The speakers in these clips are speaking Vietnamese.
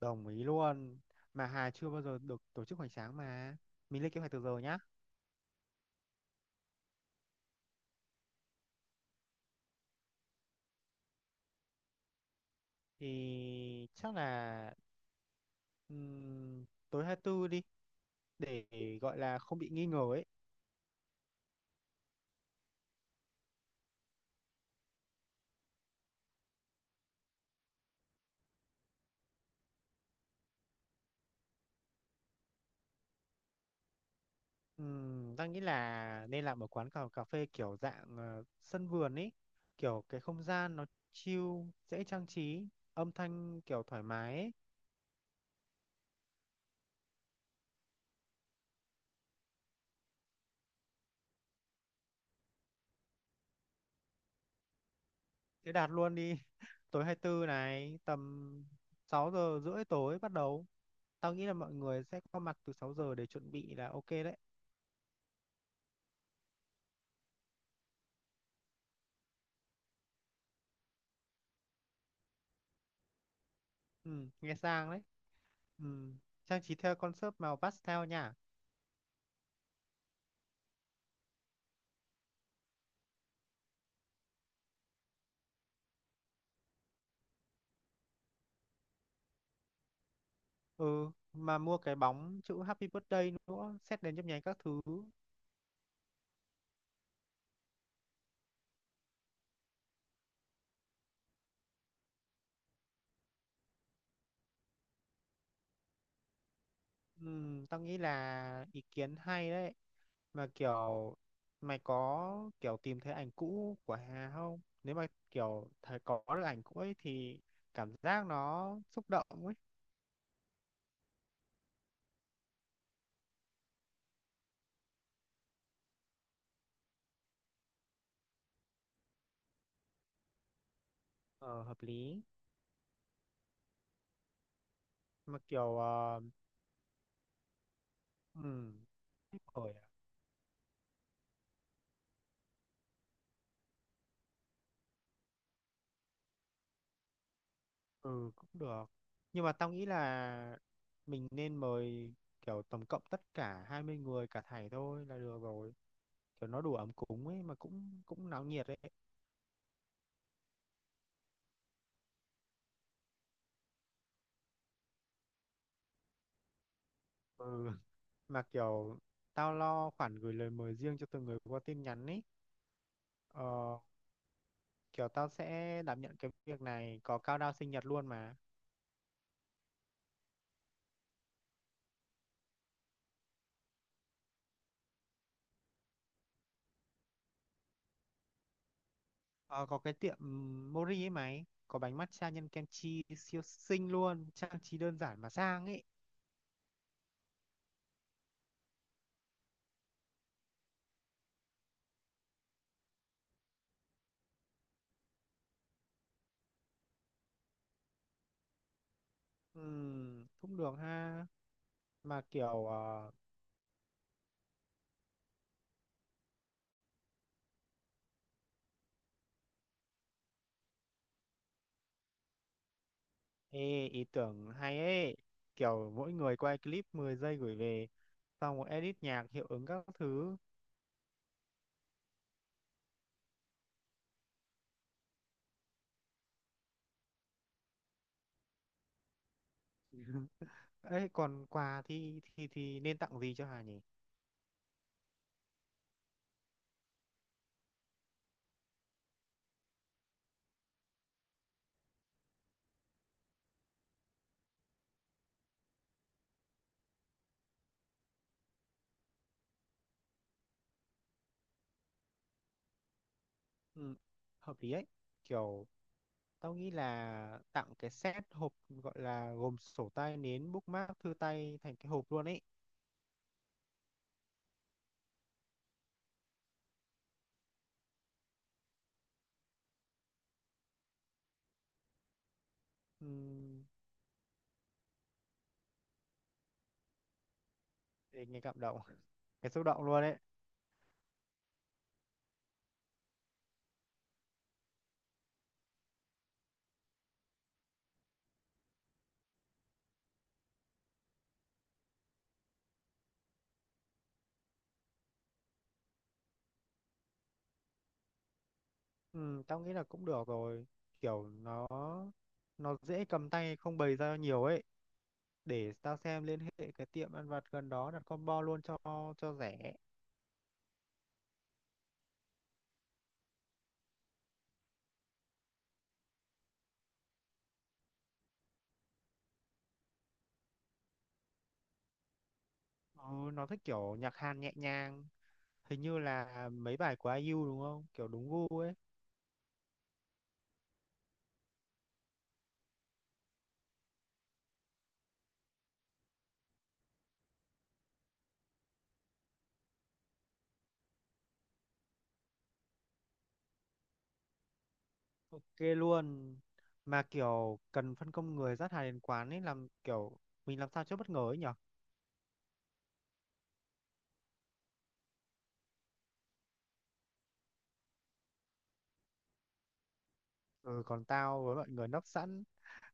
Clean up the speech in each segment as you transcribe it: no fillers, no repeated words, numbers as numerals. Đồng ý luôn. Mà Hà chưa bao giờ được tổ chức hoành tráng mà. Mình lên kế hoạch từ giờ nhá. Thì chắc là ừm, tối 24 đi để gọi là không bị nghi ngờ ấy. Ta nghĩ là nên làm ở quán cà phê kiểu dạng sân vườn ấy. Kiểu cái không gian nó chill, dễ trang trí, âm thanh kiểu thoải mái ấy. Thế đạt luôn đi. Tối 24 này tầm 6h30 tối bắt đầu. Tao nghĩ là mọi người sẽ có mặt từ 6h để chuẩn bị là ok đấy. Ừ, nghe sang đấy. Ừ, trang trí theo concept màu pastel nha. Ừ, mà mua cái bóng chữ Happy Birthday nữa, xét đến nhấp nháy các thứ. Ừ, tao nghĩ là ý kiến hay đấy. Mà kiểu mày có kiểu tìm thấy ảnh cũ của Hà không? Nếu mà kiểu thấy có được ảnh cũ ấy thì cảm giác nó xúc động ấy. Ờ, hợp lý. Mà kiểu uh, ừ, ừ cũng được. Nhưng mà tao nghĩ là mình nên mời kiểu tổng cộng tất cả 20 người cả thảy thôi là được rồi. Kiểu nó đủ ấm cúng ấy mà cũng cũng náo nhiệt ấy. Ừ. Mà kiểu tao lo khoản gửi lời mời riêng cho từng người qua tin nhắn ấy. Ờ, kiểu tao sẽ đảm nhận cái việc này có cao đao sinh nhật luôn mà. Ờ, có cái tiệm Mori ấy mày, có bánh matcha nhân kem chi siêu xinh luôn, trang trí đơn giản mà sang ấy. Ừ, cũng được ha. Mà kiểu ê, ý tưởng hay ấy, kiểu mỗi người quay clip 10 giây gửi về, xong rồi edit nhạc hiệu ứng các thứ. Ấy còn quà thì nên tặng gì cho Hà nhỉ? Ừ, hợp lý ấy, kiểu tao nghĩ là tặng cái set hộp, gọi là gồm sổ tay, nến, bookmark, thư tay thành cái hộp luôn ấy. Ừ, để nghe cảm động. Cái xúc động luôn ấy. Ừ, tao nghĩ là cũng được rồi, kiểu nó dễ cầm tay, không bày ra nhiều ấy. Để tao xem liên hệ cái tiệm ăn vặt gần đó đặt combo luôn cho rẻ. Ừ, nó thích kiểu nhạc Hàn nhẹ nhàng, hình như là mấy bài của ai IU đúng không, kiểu đúng gu ấy. Ok luôn. Mà kiểu cần phân công người dắt hàng đến quán ấy, làm kiểu mình làm sao cho bất ngờ ấy nhở. Ừ, còn tao với mọi người nấp sẵn,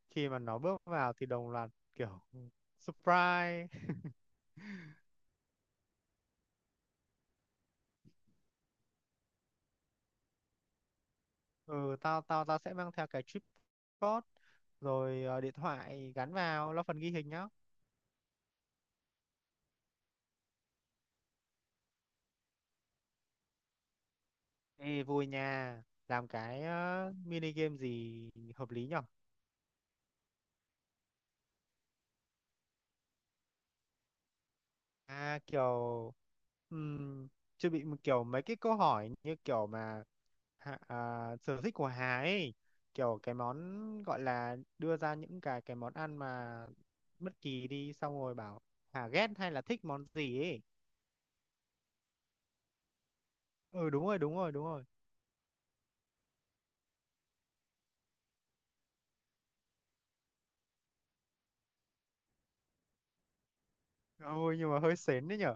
khi mà nó bước vào thì đồng loạt kiểu surprise. Ừ, tao tao tao sẽ mang theo cái tripod rồi điện thoại gắn vào, lo phần ghi hình nhá. Ê, vui nha. Làm cái mini game gì hợp lý nhở? À kiểu um, chuẩn bị một kiểu mấy cái câu hỏi như kiểu mà hạ- à, sở thích của Hà ấy, kiểu cái món gọi là đưa ra những cái món ăn mà bất kỳ đi, xong rồi bảo Hà ghét hay là thích món gì ấy. Ừ, đúng rồi, đúng rồi, đúng rồi. Ôi nhưng mà hơi sến đấy nhở.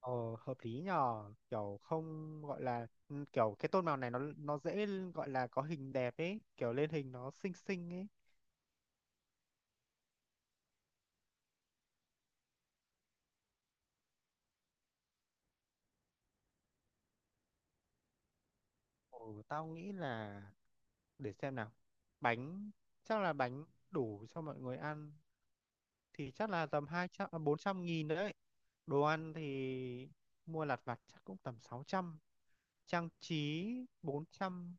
Ờ, hợp lý nhờ, kiểu không gọi là ừ, kiểu cái tôn màu này nó dễ, gọi là có hình đẹp ấy, kiểu lên hình nó xinh xinh ấy. Ồ, tao nghĩ là, để xem nào, bánh, chắc là bánh đủ cho mọi người ăn thì chắc là tầm 400.000 đấy. Đồ ăn thì mua lặt vặt chắc cũng tầm 600. Trang trí 400.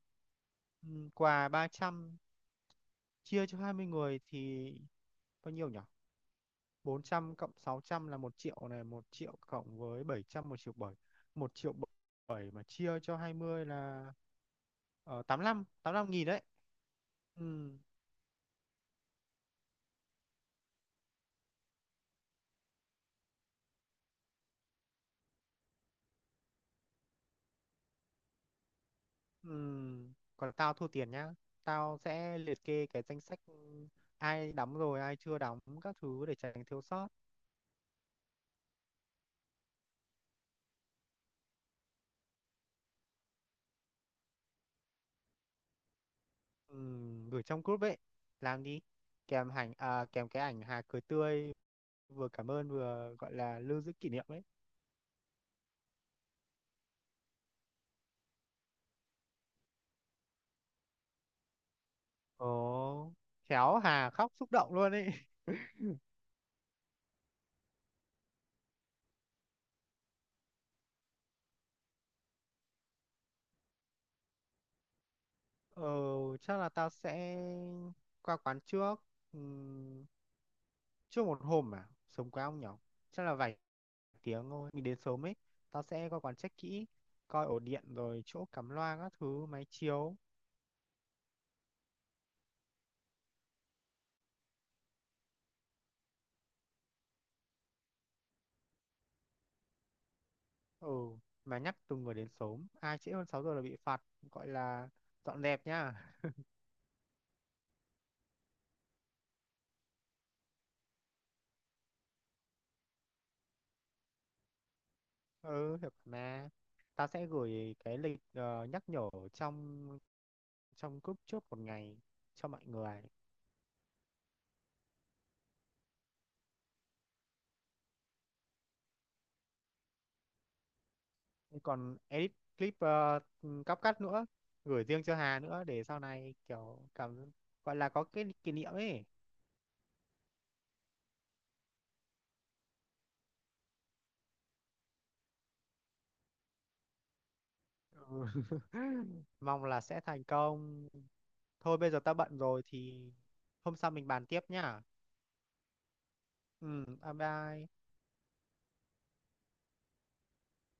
Ừ, quà 300. Chia cho 20 người thì bao nhiêu nhỉ? 400 cộng 600 là 1 triệu này, 1 triệu cộng với 700 1,7 triệu, 1,7 triệu mà chia cho 20 là 85, 85.000 đấy. Ừ, ừ. Còn tao thua tiền nhá. Tao sẽ liệt kê cái danh sách ai đóng rồi, ai chưa đóng các thứ để tránh thiếu sót. Ừ, gửi trong group ấy. Làm đi. Kèm ảnh à, kèm cái ảnh Hà cười tươi, vừa cảm ơn vừa gọi là lưu giữ kỷ niệm ấy. Ồ, khéo Hà khóc xúc động luôn ấy. Ờ, chắc là tao sẽ qua quán trước. Ừm, Trước một hôm à, sớm quá ông nhỏ. Chắc là vài tiếng thôi, mình đến sớm ấy. Tao sẽ qua quán check kỹ, coi ổ điện rồi chỗ cắm loa các thứ, máy chiếu. Ừ, mà nhắc từng người đến sớm, ai trễ hơn 6h là bị phạt, gọi là dọn dẹp nhá. Ừ, được mà. Tao sẽ gửi cái lịch nhắc nhở trong trong group trước một ngày cho mọi người. Còn edit clip cắt nữa, gửi riêng cho Hà nữa để sau này kiểu cảm, gọi là có cái kỷ niệm ấy. Ừ. Mong là sẽ thành công. Thôi bây giờ ta bận rồi thì hôm sau mình bàn tiếp nhá. Ừ, bye bye.